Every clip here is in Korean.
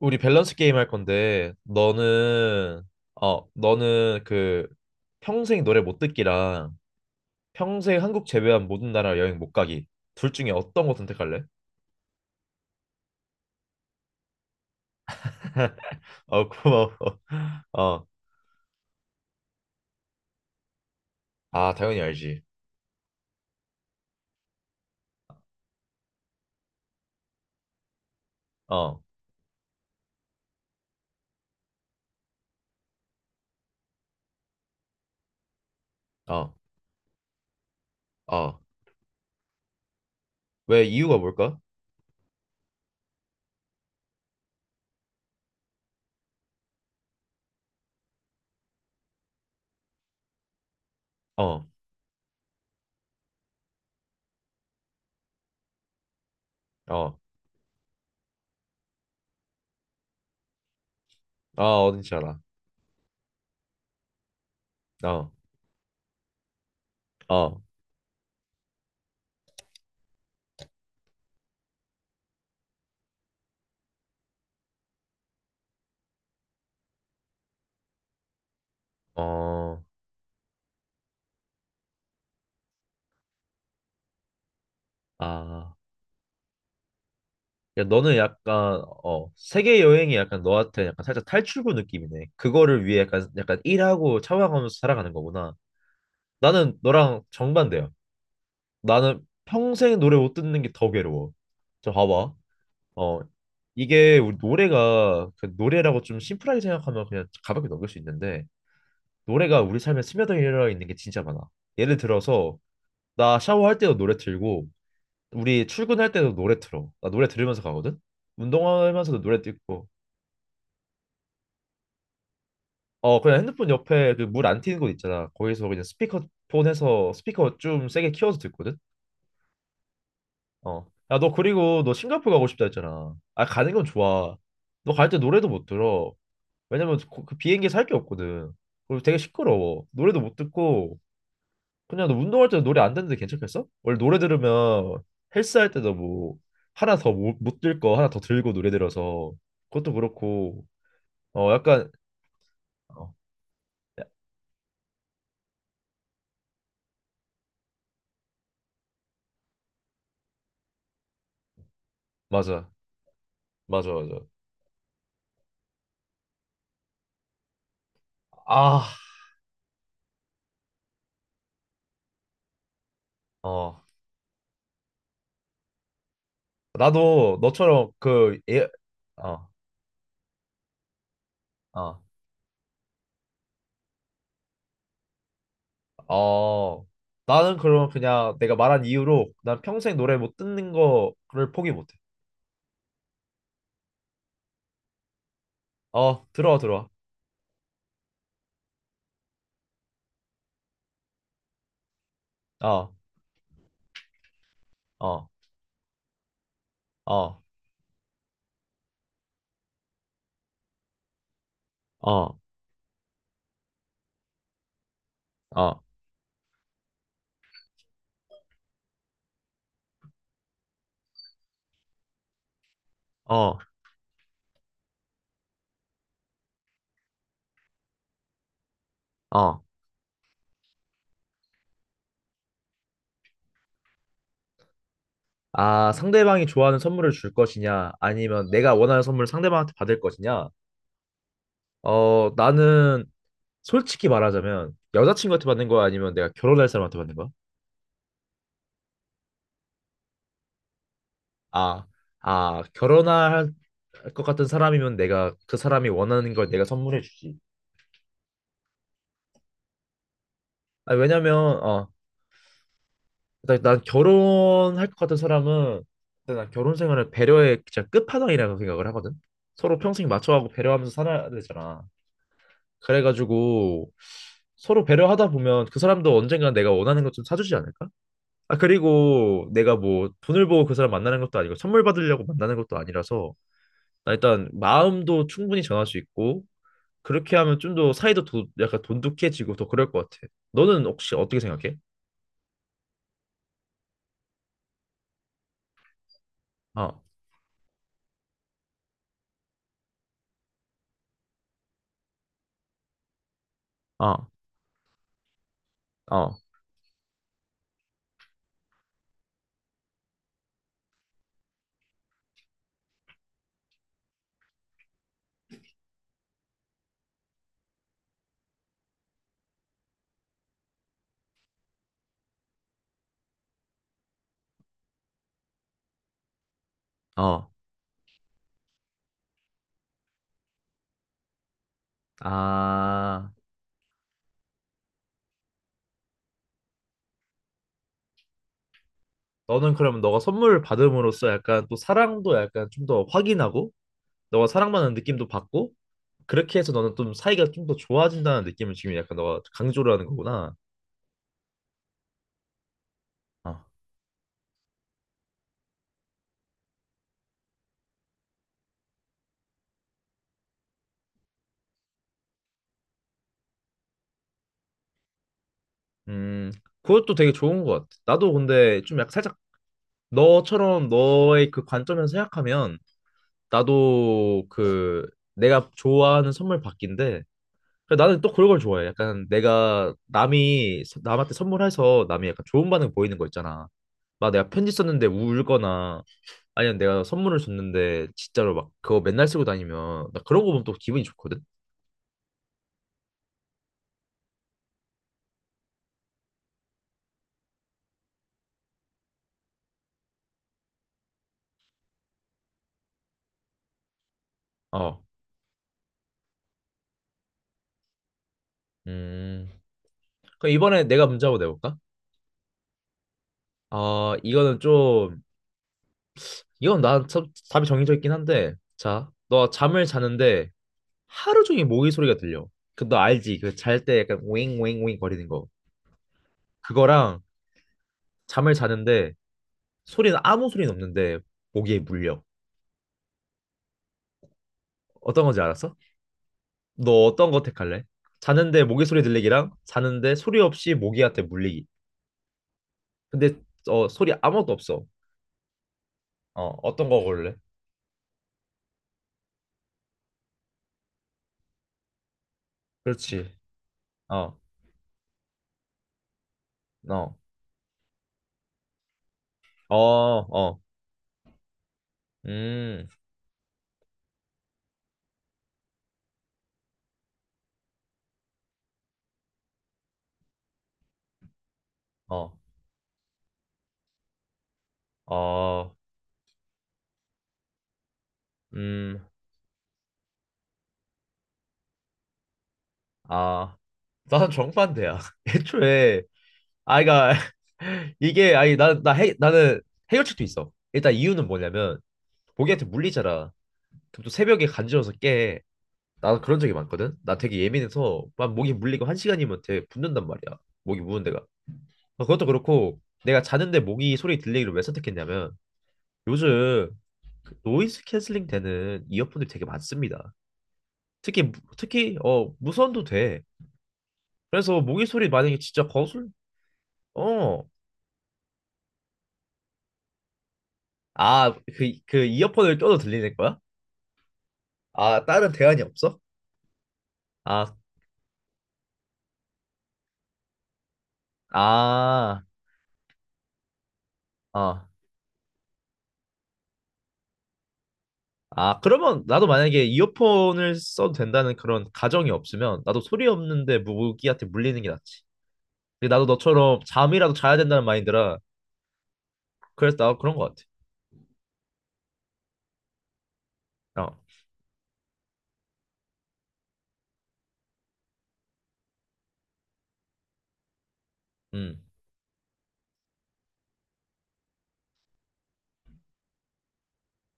우리 밸런스 게임 할 건데 너는 그 평생 노래 못 듣기랑 평생 한국 제외한 모든 나라 여행 못 가기 둘 중에 어떤 거 선택할래? 어, 고마워. 어. 아, 당연히 알지. 어. 어. 어. 왜 이유가 뭘까? 어. 어. 아, 어딘지 알아. 어. 어. 어. 아. 야, 너는 약간 세계 여행이 약간 너한테 약간 살짝 탈출구 느낌이네. 그거를 위해 약간 일하고 참아가면서 살아가는 거구나. 나는 너랑 정반대야. 나는 평생 노래 못 듣는 게 더 괴로워. 저 봐봐. 어 이게 우리 노래가 그 노래라고 좀 심플하게 생각하면 그냥 가볍게 넘길 수 있는데 노래가 우리 삶에 스며들어 있는 게 진짜 많아. 예를 들어서 나 샤워할 때도 노래 틀고 우리 출근할 때도 노래 틀어. 나 노래 들으면서 가거든. 운동하면서도 노래 듣고. 어, 그냥 핸드폰 옆에 그 물 안 튀는 곳 있잖아. 거기서 그냥 스피커폰 해서 스피커 좀 세게 키워서 듣거든. 어. 야, 너 그리고 너 싱가포르 가고 싶다 했잖아. 아, 가는 건 좋아. 너 갈 때 노래도 못 들어. 왜냐면 그 비행기에서 할 게 없거든. 그리고 되게 시끄러워. 노래도 못 듣고 그냥 너 운동할 때도 노래 안 듣는데 괜찮겠어? 원래 노래 들으면 헬스 할 때도 뭐 하나 더 못 들 거 하나 더 들고 노래 들어서 그것도 그렇고 약간, 어, 야, 맞아, 맞아, 맞아, 아어 나도 너처럼 예, 어, 어, 어. 나는 그럼 그냥 내가 말한 이유로 난 평생 노래 못 듣는 거를 포기 못해. 어, 들어와, 들어와. 어, 어, 어, 어, 어, 어, 어. 아, 상대방이 좋아하는 선물을 줄 것이냐, 아니면 내가 원하는 선물을 상대방한테 받을 것이냐. 어, 나는 솔직히 말하자면 여자친구한테 받는 거야, 아니면 내가 결혼할 사람한테 받는 거야? 아, 결혼할 것 같은 사람이면 내가 그 사람이 원하는 걸 내가 선물해 주지. 아, 왜냐면, 일단 난 결혼할 것 같은 사람은 일단 난 결혼 생활을 배려의 진짜 끝판왕이라고 생각을 하거든. 서로 평생 맞춰가고 배려하면서 살아야 되잖아. 그래가지고 서로 배려하다 보면 그 사람도 언젠가 내가 원하는 것 좀 사주지 않을까? 아, 그리고 내가 뭐 돈을 보고 그 사람 만나는 것도 아니고 선물 받으려고 만나는 것도 아니라서 나 일단 마음도 충분히 전할 수 있고 그렇게 하면 좀 더 사이도, 약간 돈독해지고 더 그럴 것 같아. 너는 혹시 어떻게 생각해? 어, 어, 어, 어. 아, 너는 그러면 너가 선물을 받음으로써 약간 또 사랑도 약간 좀 더 확인하고 너가 사랑받는 느낌도 받고 그렇게 해서 너는 좀 사이가 좀 더 좋아진다는 느낌을 지금 약간 너가 강조를 하는 거구나. 어, 음, 그것도 되게 좋은 것 같아. 나도 근데 좀 약간 살짝 너처럼 너의 그 관점에서 생각하면 나도 내가 좋아하는 선물 받기인데 그래, 나는 또 그런 걸 좋아해. 약간 내가 남한테 선물해서 남이 약간 좋은 반응 보이는 거 있잖아. 막 내가 편지 썼는데 울거나 아니면 내가 선물을 줬는데 진짜로 막 그거 맨날 쓰고 다니면 나 그런 거 보면 또 기분이 좋거든. 어. 음. 그럼 이번에 내가 문제 한번 내볼까? 어, 이거는 좀 이건 답이 정해져 있긴 한데 자, 너 잠을 자는데 하루 종일 모기 소리가 들려. 그 너 알지? 그 잘 때 약간 윙윙윙 거리는 거. 그거랑 잠을 자는데 소리는 아무 소리는 없는데 모기에 물려. 어떤 건지 알았어? 너 어떤 거 택할래? 자는데 모기 소리 들리기랑 자는데 소리 없이 모기한테 물리기. 근데 소리 아무것도 없어. 어, 어떤 거 고를래? 그렇지. 어, 어, 어, 어, 음, 어, 어, 음, 아, 나는 정반대야. 애초에 아, 그러니까 이게 아니 나나 해, 나는 해결책도 있어. 일단 이유는 뭐냐면 모기한테 물리잖아. 그럼 또 새벽에 간지러워서 깨. 나도 그런 적이 많거든. 나 되게 예민해서 막 모기 물리고 한 시간이면 되게 붓는단 말이야. 모기 무는 데가. 어, 그것도 그렇고 내가 자는데 모기 소리 들리기를 왜 선택했냐면 요즘 그 노이즈 캔슬링 되는 이어폰들이 되게 많습니다. 특히 무- 특히 무선도 돼. 그래서 모기 소리 만약에 진짜 거슬 어 아 그 그 이어폰을 껴도 들리는 거야? 아, 다른 대안이 없어? 아, 아, 어. 아, 그러면 나도 만약에 이어폰을 써도 된다는 그런 가정이 없으면 나도 소리 없는데 무기한테 물리는 게 낫지. 근데 나도 너처럼 잠이라도 자야 된다는 마인드라 그래서 나도 그런 것 같아. 어, 음,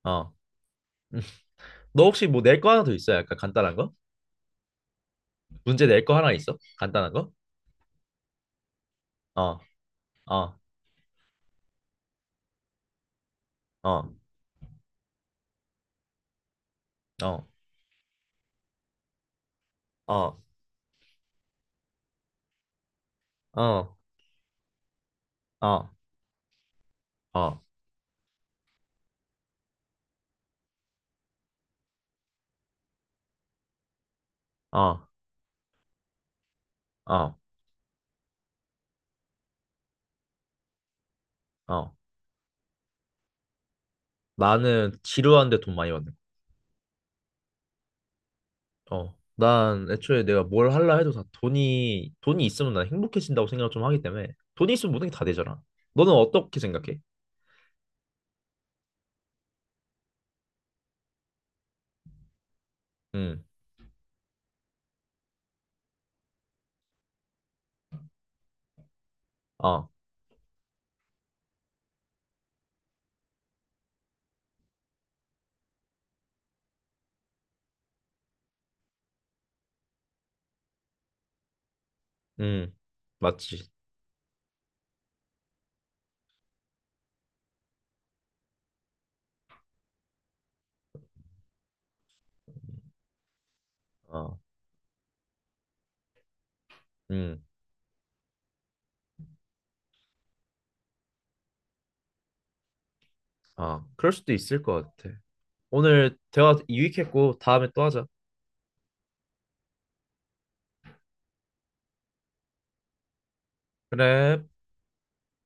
어. 너 혹시 뭐 낼 거 하나 더 있어? 약간 간단한 거? 문제 낼 거 하나 있어? 간단한 거? 어, 어, 어, 어, 어, 어, 어, 어, 어, 어, 어. 나는 지루한데 돈 많이 받는. 난 애초에 내가 뭘 할라 해도 다 돈이 있으면 난 행복해진다고 생각을 좀 하기 때문에 돈이 있으면 모든 게 다 되잖아. 너는 어떻게 생각해? 음, 아, 음, 맞지. 아, 음, 아, 그럴 수도 있을 것 같아. 오늘 대화 유익했고 다음에 또 하자. 그래.